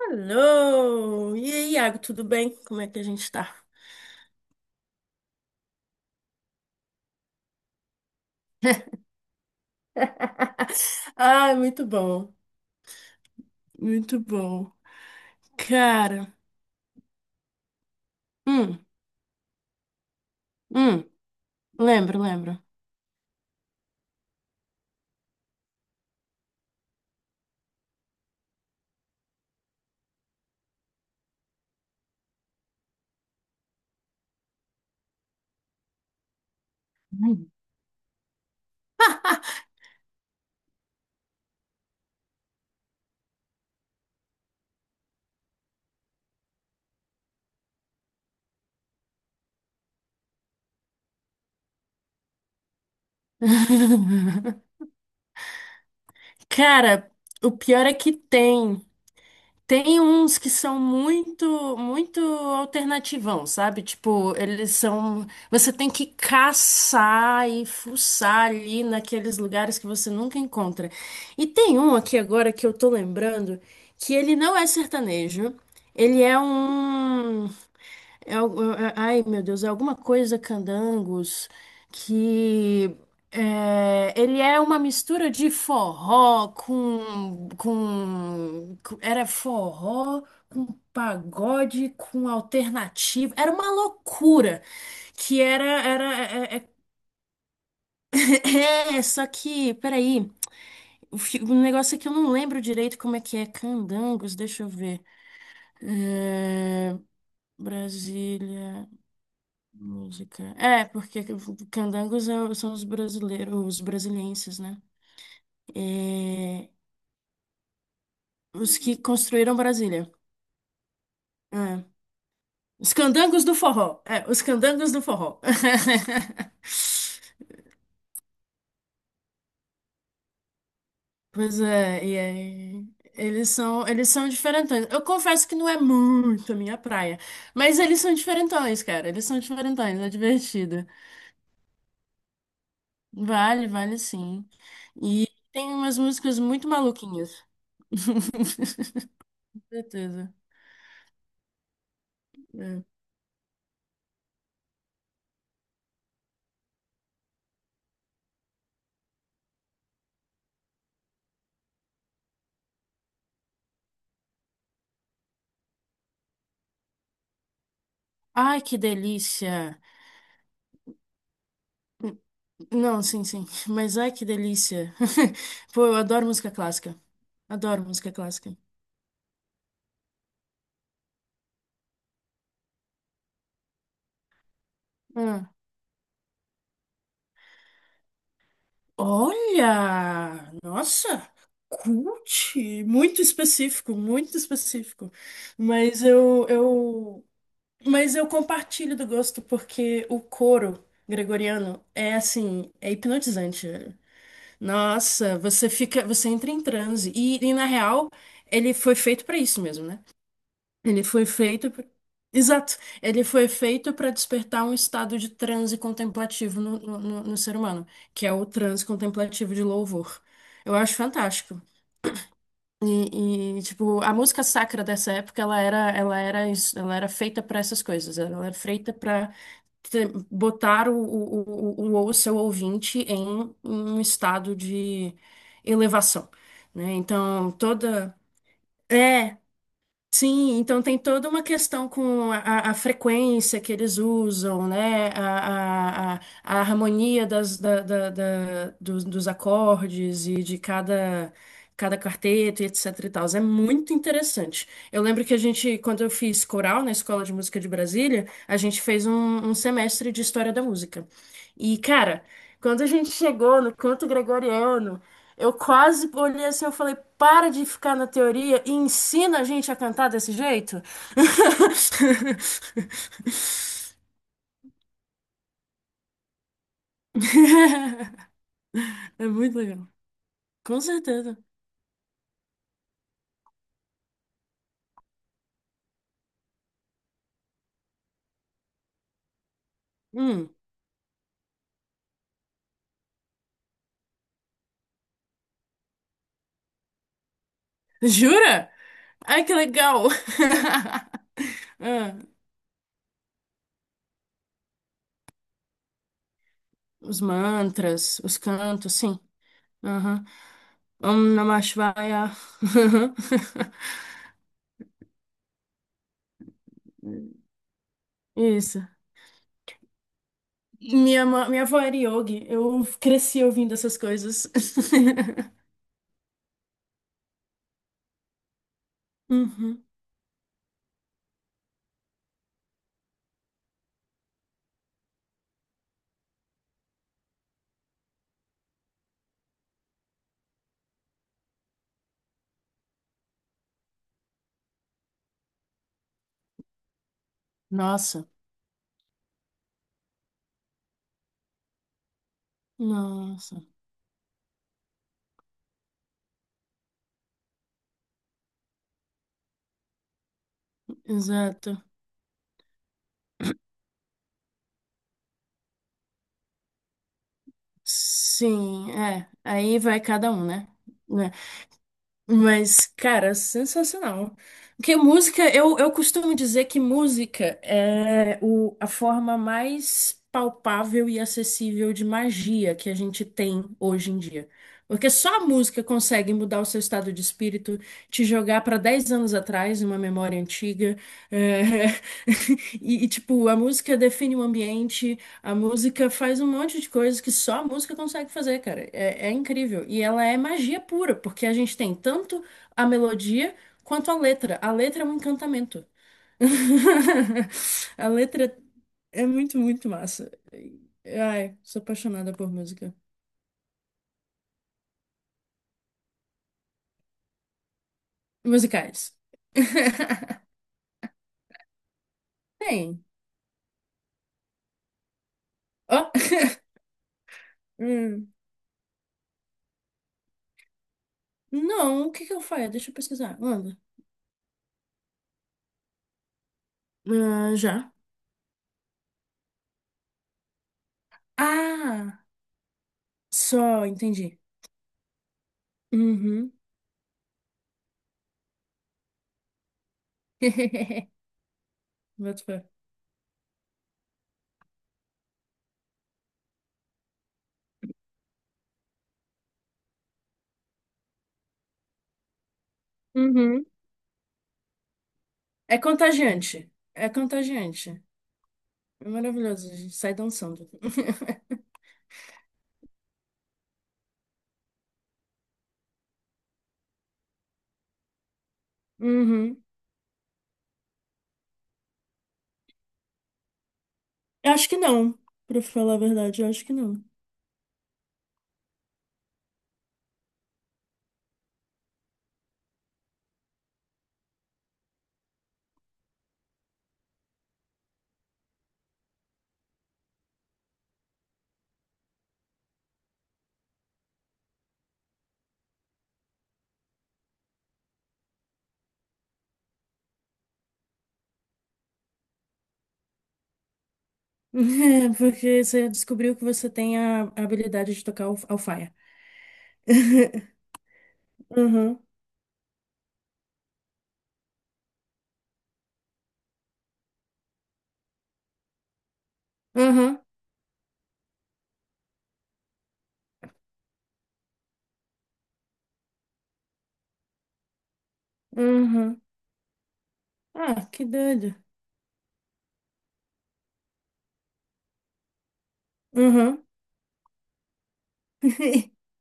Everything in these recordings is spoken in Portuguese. Alô! E aí, Iago, tudo bem? Como é que a gente tá? Ah, muito bom, muito bom. Cara, hum, hum, lembro, lembro. Cara, o pior é que tem. Tem uns que são muito, muito alternativão, sabe? Tipo, eles são. Você tem que caçar e fuçar ali naqueles lugares que você nunca encontra. E tem um aqui agora que eu tô lembrando que ele não é sertanejo, ele é um. É, ai, meu Deus, é alguma coisa Candangos que é, ele é uma mistura de forró com- era forró com pagode com alternativo. Era uma loucura que era. Só que, peraí, o negócio é que eu não lembro direito como é que é Candangos, deixa eu ver. É, Brasília. Música. É, porque candangos são os brasileiros, os brasilienses, né? É, os que construíram Brasília. É. Os candangos do forró. É, os candangos do forró. Pois é, e aí, eles são diferentões. Eu confesso que não é muito a minha praia, mas eles são diferentões, cara. Eles são diferentões, é divertido. Vale, vale sim. E tem umas músicas muito maluquinhas. Com certeza. É. Ai, que delícia! N- Não, sim, sim. Mas ai, que delícia! Pô, eu adoro música clássica. Adoro música clássica. Ah. Olha! Nossa! Cult! Muito específico, muito específico. Mas eu, eu, mas eu compartilho do gosto porque o coro gregoriano é assim, é hipnotizante. Nossa, você fica, você entra em transe. E na real, ele foi feito pra isso mesmo, né? Ele foi feito. Exato. Ele foi feito para despertar um estado de transe contemplativo no ser humano, que é o transe contemplativo de louvor. Eu acho fantástico. E, tipo, a música sacra dessa época, ela era feita para essas coisas. Ela era feita para botar o seu ouvinte em um estado de elevação, né? Então, toda. É, Sim, então tem toda uma questão com a frequência que eles usam, né? A harmonia das, da, da- da- dos, dos acordes e de cada quarteto, e etc e tal. É muito interessante. Eu lembro que a gente, quando eu fiz coral na Escola de Música de Brasília, a gente fez um semestre de História da Música. E, cara, quando a gente chegou no canto gregoriano, eu quase olhei assim, eu falei, para de ficar na teoria e ensina a gente a cantar desse jeito. É muito legal. Com certeza. Hum. Jura? Ai, que legal. Ah, os mantras, os cantos, sim. Aham. Om Namah Shivaya. Aham. Isso. Minha avó era yogi. Eu cresci ouvindo essas coisas. Uhum. Nossa. Nossa, exato. Sim, é. Aí vai cada um, né? Né? Mas, cara, sensacional. Porque música, eu costumo dizer que música é o, a forma mais palpável e acessível de magia que a gente tem hoje em dia. Porque só a música consegue mudar o seu estado de espírito, te jogar para 10 anos atrás, uma memória antiga. É, E, tipo, a música define o ambiente. A música faz um monte de coisas que só a música consegue fazer, cara. É incrível. E ela é magia pura, porque a gente tem tanto a melodia quanto a letra. A letra é um encantamento. A letra é muito, muito massa. Ai, sou apaixonada por música. Musicais. Tem. Ó. Hum. Não, o que que eu faço? Deixa eu pesquisar. Manda. Ah, já. Ah, só, entendi. Uhum. Boto fé. Uhum. É contagiante. É contagiante. É maravilhoso, a gente sai dançando. Uhum. Eu acho que não, pra falar a verdade, eu acho que não. É, porque você descobriu que você tem a habilidade de tocar alfaia. Uhum. Uhum. Uhum. Ah, que doido. Uhum.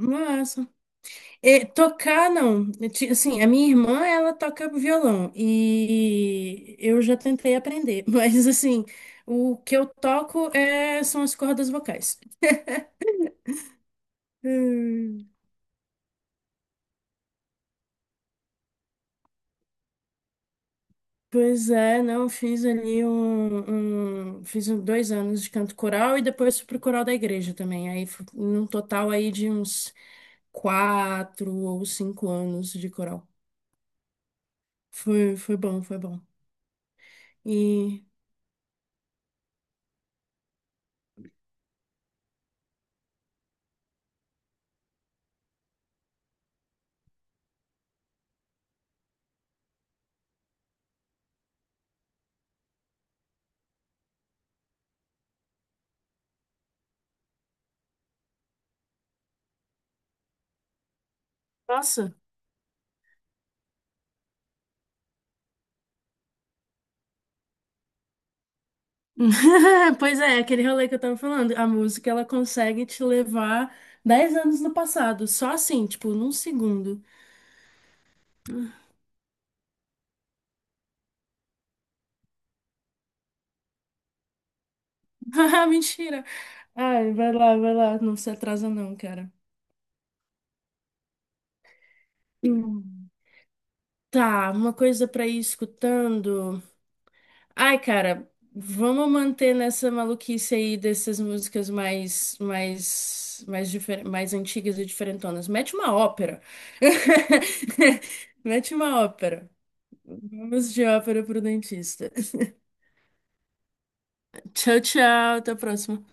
Massa. É, tocar, não. Assim, a minha irmã, ela toca violão e eu já tentei aprender, mas assim, o que eu toco é, são as cordas vocais. Hum, Pois é, não, fiz ali 2 anos de canto coral e depois fui pro coral da igreja também. Aí, num total aí de uns 4 ou 5 anos de coral. Foi, foi bom, foi bom. E, nossa. Pois é, aquele rolê que eu tava falando, a música ela consegue te levar 10 anos no passado, só assim, tipo, num segundo. Ah, mentira. Ai, vai lá, não se atrasa não, cara. Hum. Tá, uma coisa pra ir escutando. Ai, cara, vamos manter nessa maluquice aí dessas músicas mais antigas e diferentonas. Mete uma ópera. Mete uma ópera. Vamos já para o dentista. Tchau, tchau. Até a próxima.